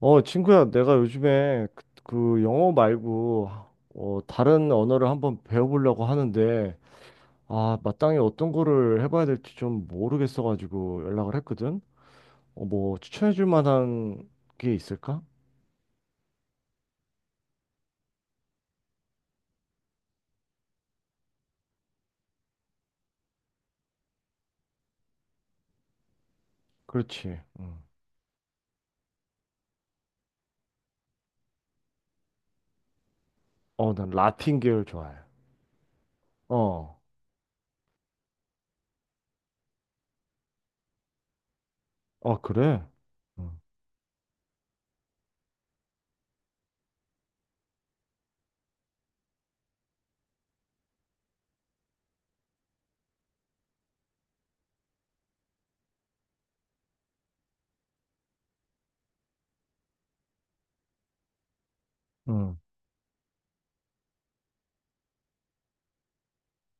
친구야, 내가 요즘에 그 영어 말고 다른 언어를 한번 배워보려고 하는데 마땅히 어떤 거를 해봐야 될지 좀 모르겠어가지고 연락을 했거든. 뭐 추천해줄 만한 게 있을까? 그렇지. 응. 난 라틴 계열 좋아해. 어, 어, 그래? 응, 응,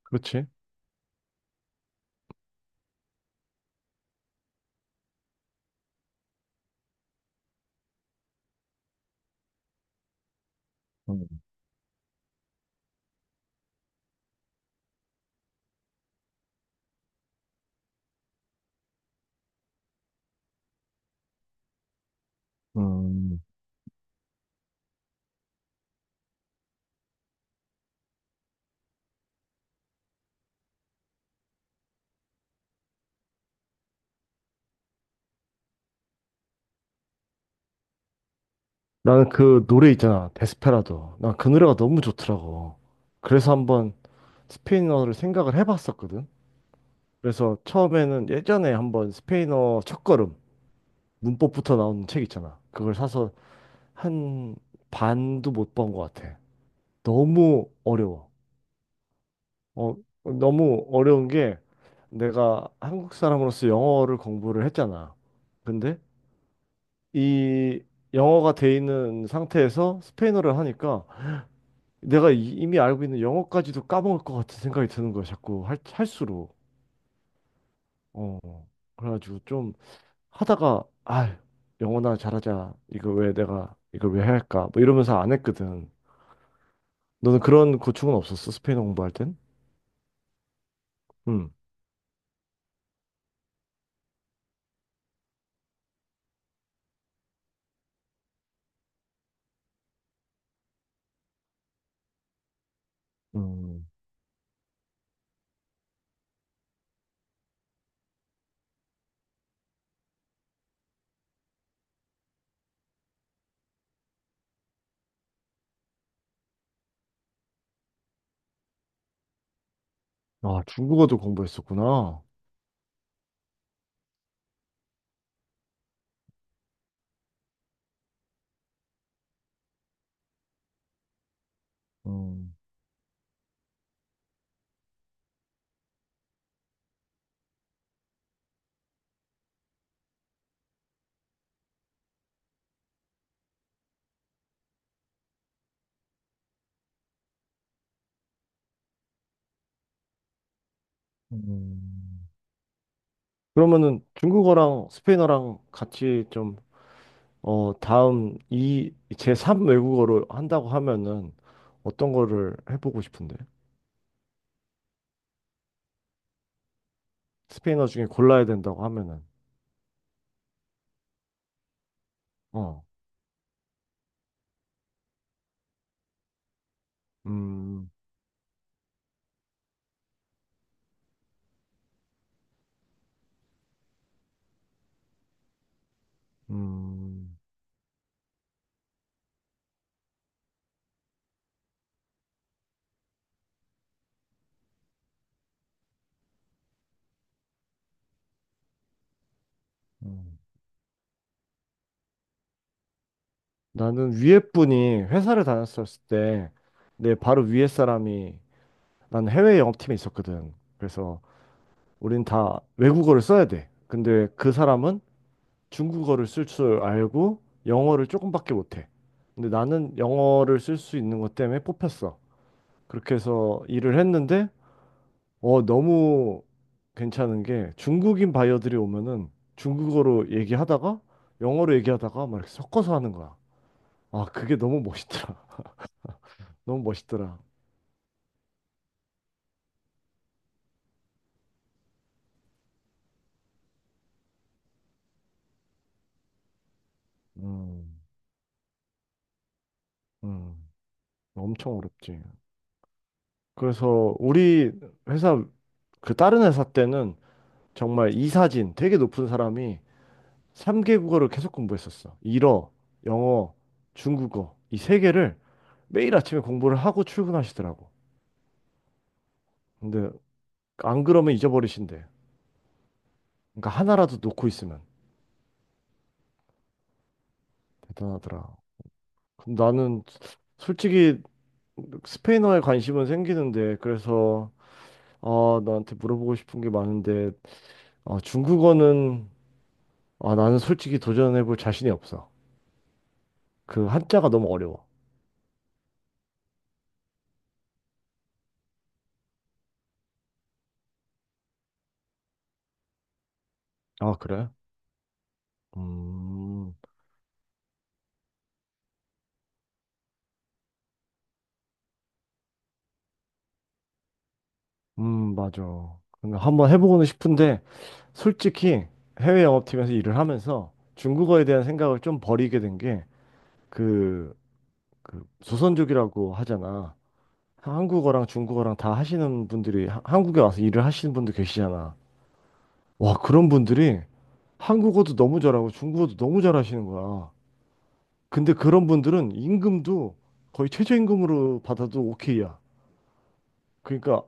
그렇지. 응. 음. 나는 그 노래 있잖아, 데스페라도. 난 그 노래가 너무 좋더라고. 그래서 한번 스페인어를 생각을 해봤었거든. 그래서 처음에는 예전에 한번 스페인어 첫걸음 문법부터 나오는 책 있잖아. 그걸 사서 한 반도 못 본 것 같아. 너무 어려워. 어, 너무 어려운 게 내가 한국 사람으로서 영어를 공부를 했잖아. 근데 이 영어가 돼 있는 상태에서 스페인어를 하니까 내가 이미 알고 있는 영어까지도 까먹을 것 같은 생각이 드는 거야. 자꾸 할수록. 어. 그래가지고 좀 하다가 아 영원아 잘하자 이거 왜 내가 이걸 왜 해야 할까 뭐 이러면서 안 했거든. 너는 그런 고충은 없었어 스페인어 공부할 땐? 음. 음. 아 중국어도 공부했었구나. 음. 음. 그러면은 중국어랑 스페인어랑 같이 좀 다음 이 제3 외국어로 한다고 하면은 어떤 거를 해보고 싶은데 스페인어 중에 골라야 된다고 하면은. 어. 음, 음, 음. 나는 위에 분이 회사를 다녔었을 때 내 바로 위에 사람이 난 해외 영업팀에 있었거든. 그래서 우린 다 외국어를 써야 돼. 근데 그 사람은 중국어를 쓸 줄 알고 영어를 조금밖에 못해. 근데 나는 영어를 쓸 수 있는 것 때문에 뽑혔어. 그렇게 해서 일을 했는데 너무 괜찮은 게 중국인 바이어들이 오면은 중국어로 얘기하다가 영어로 얘기하다가 막 이렇게 섞어서 하는 거야. 아 그게 너무 멋있더라. 너무 멋있더라. 음, 음. 엄청 어렵지. 그래서 우리 회사, 그 다른 회사 때는 정말 이사진 되게 높은 사람이 3개 국어를 계속 공부했었어. 일어, 영어, 중국어. 이 세 개를 매일 아침에 공부를 하고 출근하시더라고. 근데 안 그러면 잊어버리신대. 그러니까 하나라도 놓고 있으면 대단하더라. 그럼 나는 솔직히 스페인어에 관심은 생기는데 그래서 너한테 물어보고 싶은 게 많은데 중국어는 아, 나는 솔직히 도전해볼 자신이 없어. 그 한자가 너무 어려워. 아, 그래? 음, 맞아. 근데 한번 해보고는 싶은데, 솔직히 해외 영업팀에서 일을 하면서 중국어에 대한 생각을 좀 버리게 된 게, 그, 그 조선족이라고 하잖아. 한국어랑 중국어랑 다 하시는 분들이, 한국에 와서 일을 하시는 분들 계시잖아. 와, 그런 분들이 한국어도 너무 잘하고 중국어도 너무 잘하시는 거야. 근데 그런 분들은 임금도 거의 최저임금으로 받아도 오케이야. 그러니까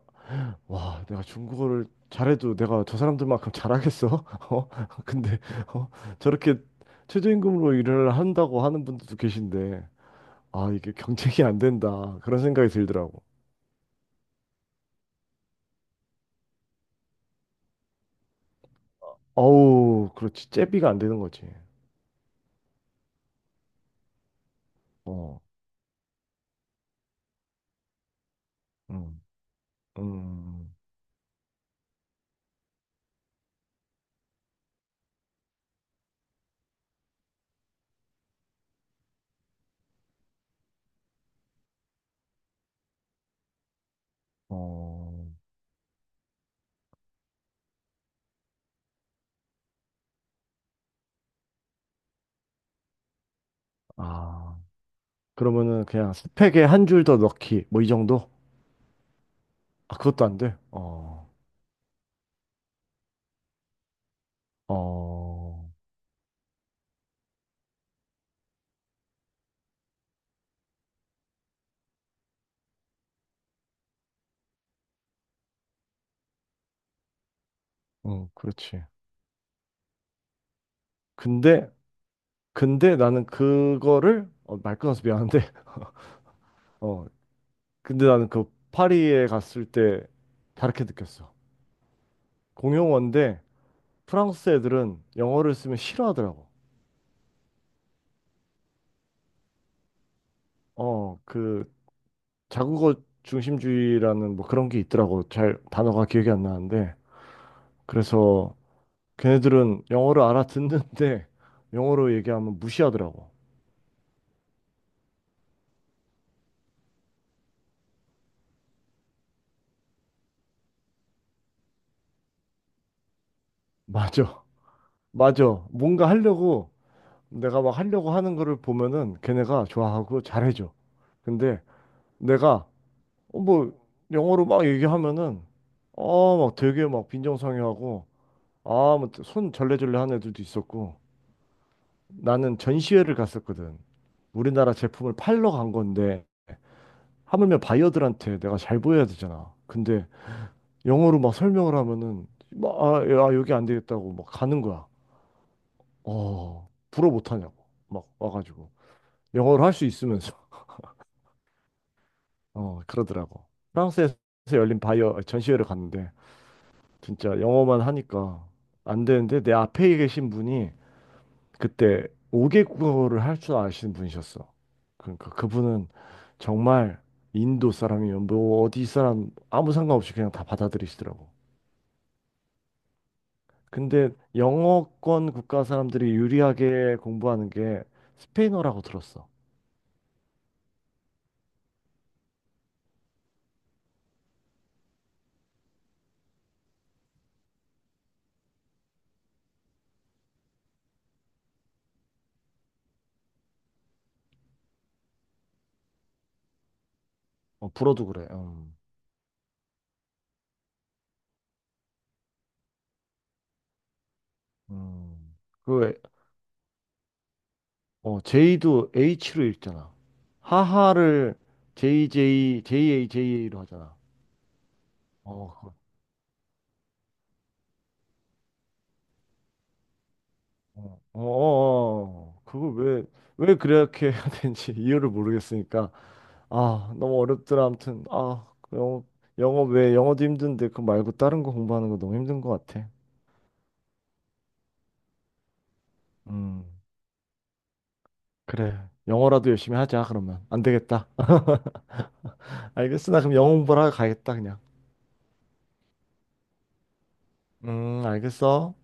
와, 내가 중국어를 잘해도 내가 저 사람들만큼 잘하겠어? 어? 근데 어? 저렇게 최저임금으로 일을 한다고 하는 분들도 계신데 아, 이게 경쟁이 안 된다. 그런 생각이 들더라고. 어우, 그렇지. 제비가 안 되는 거지. 어. 음. 음. 어. 아. 그러면은 그냥 스펙에 한 줄 더 넣기. 뭐 이 정도? 아, 그것도 안 돼. 어. 어, 응, 그렇지. 근데, 근데 나는 그거를, 말 끊어서 미안한데, 어, 근데 나는 그 파리에 갔을 때 다르게 느꼈어. 공용어인데, 프랑스 애들은 영어를 쓰면 싫어하더라고. 어, 그, 자국어 중심주의라는 뭐 그런 게 있더라고. 단어가 기억이 안 나는데. 그래서 걔네들은 영어를 알아듣는데, 영어로 얘기하면 무시하더라고. 맞아, 맞아. 뭔가 하려고, 내가 막 하려고 하는 거를 보면은 걔네가 좋아하고 잘해줘. 근데 내가 뭐 영어로 막 얘기하면은 어막 되게 막 빈정상해하고 아막손 절레절레 하는 애들도 있었고 나는 전시회를 갔었거든. 우리나라 제품을 팔러 간 건데 하물며 바이어들한테 내가 잘 보여야 되잖아. 근데 영어로 막 설명을 하면은 막 아, 야, 여기 안 되겠다고 막 가는 거야. 불어 못 하냐고 막 와가지고 영어로 할 수 있으면서. 그러더라고. 프랑스에서 열린 바이어 전시회를 갔는데 진짜 영어만 하니까 안 되는데 내 앞에 계신 분이 그때 오개 국어를 할 줄 아시는 분이셨어. 그러니까 그분은 정말 인도 사람이면 뭐 어디 사람 아무 상관없이 그냥 다 받아들이시더라고. 근데 영어권 국가 사람들이 유리하게 공부하는 게 스페인어라고 들었어. 어, 불어도 그래. 음. 음. 그 J도 H로 읽잖아. 하하를 JJ, JA, JA로 하잖아. 어, 그- 어, 그걸 왜 그렇게 해야 되는지 이유를 모르겠으니까. 아, 너무 어렵더라. 아무튼, 영어 영어도 힘든데, 그거 말고 다른 거 공부하는 거 너무 힘든 것 같아. 음, 그래. 영어라도 열심히 하자, 그러면. 안 되겠다. 알겠어. 나 그럼 영어 공부하러 가겠다, 그냥. 알겠어.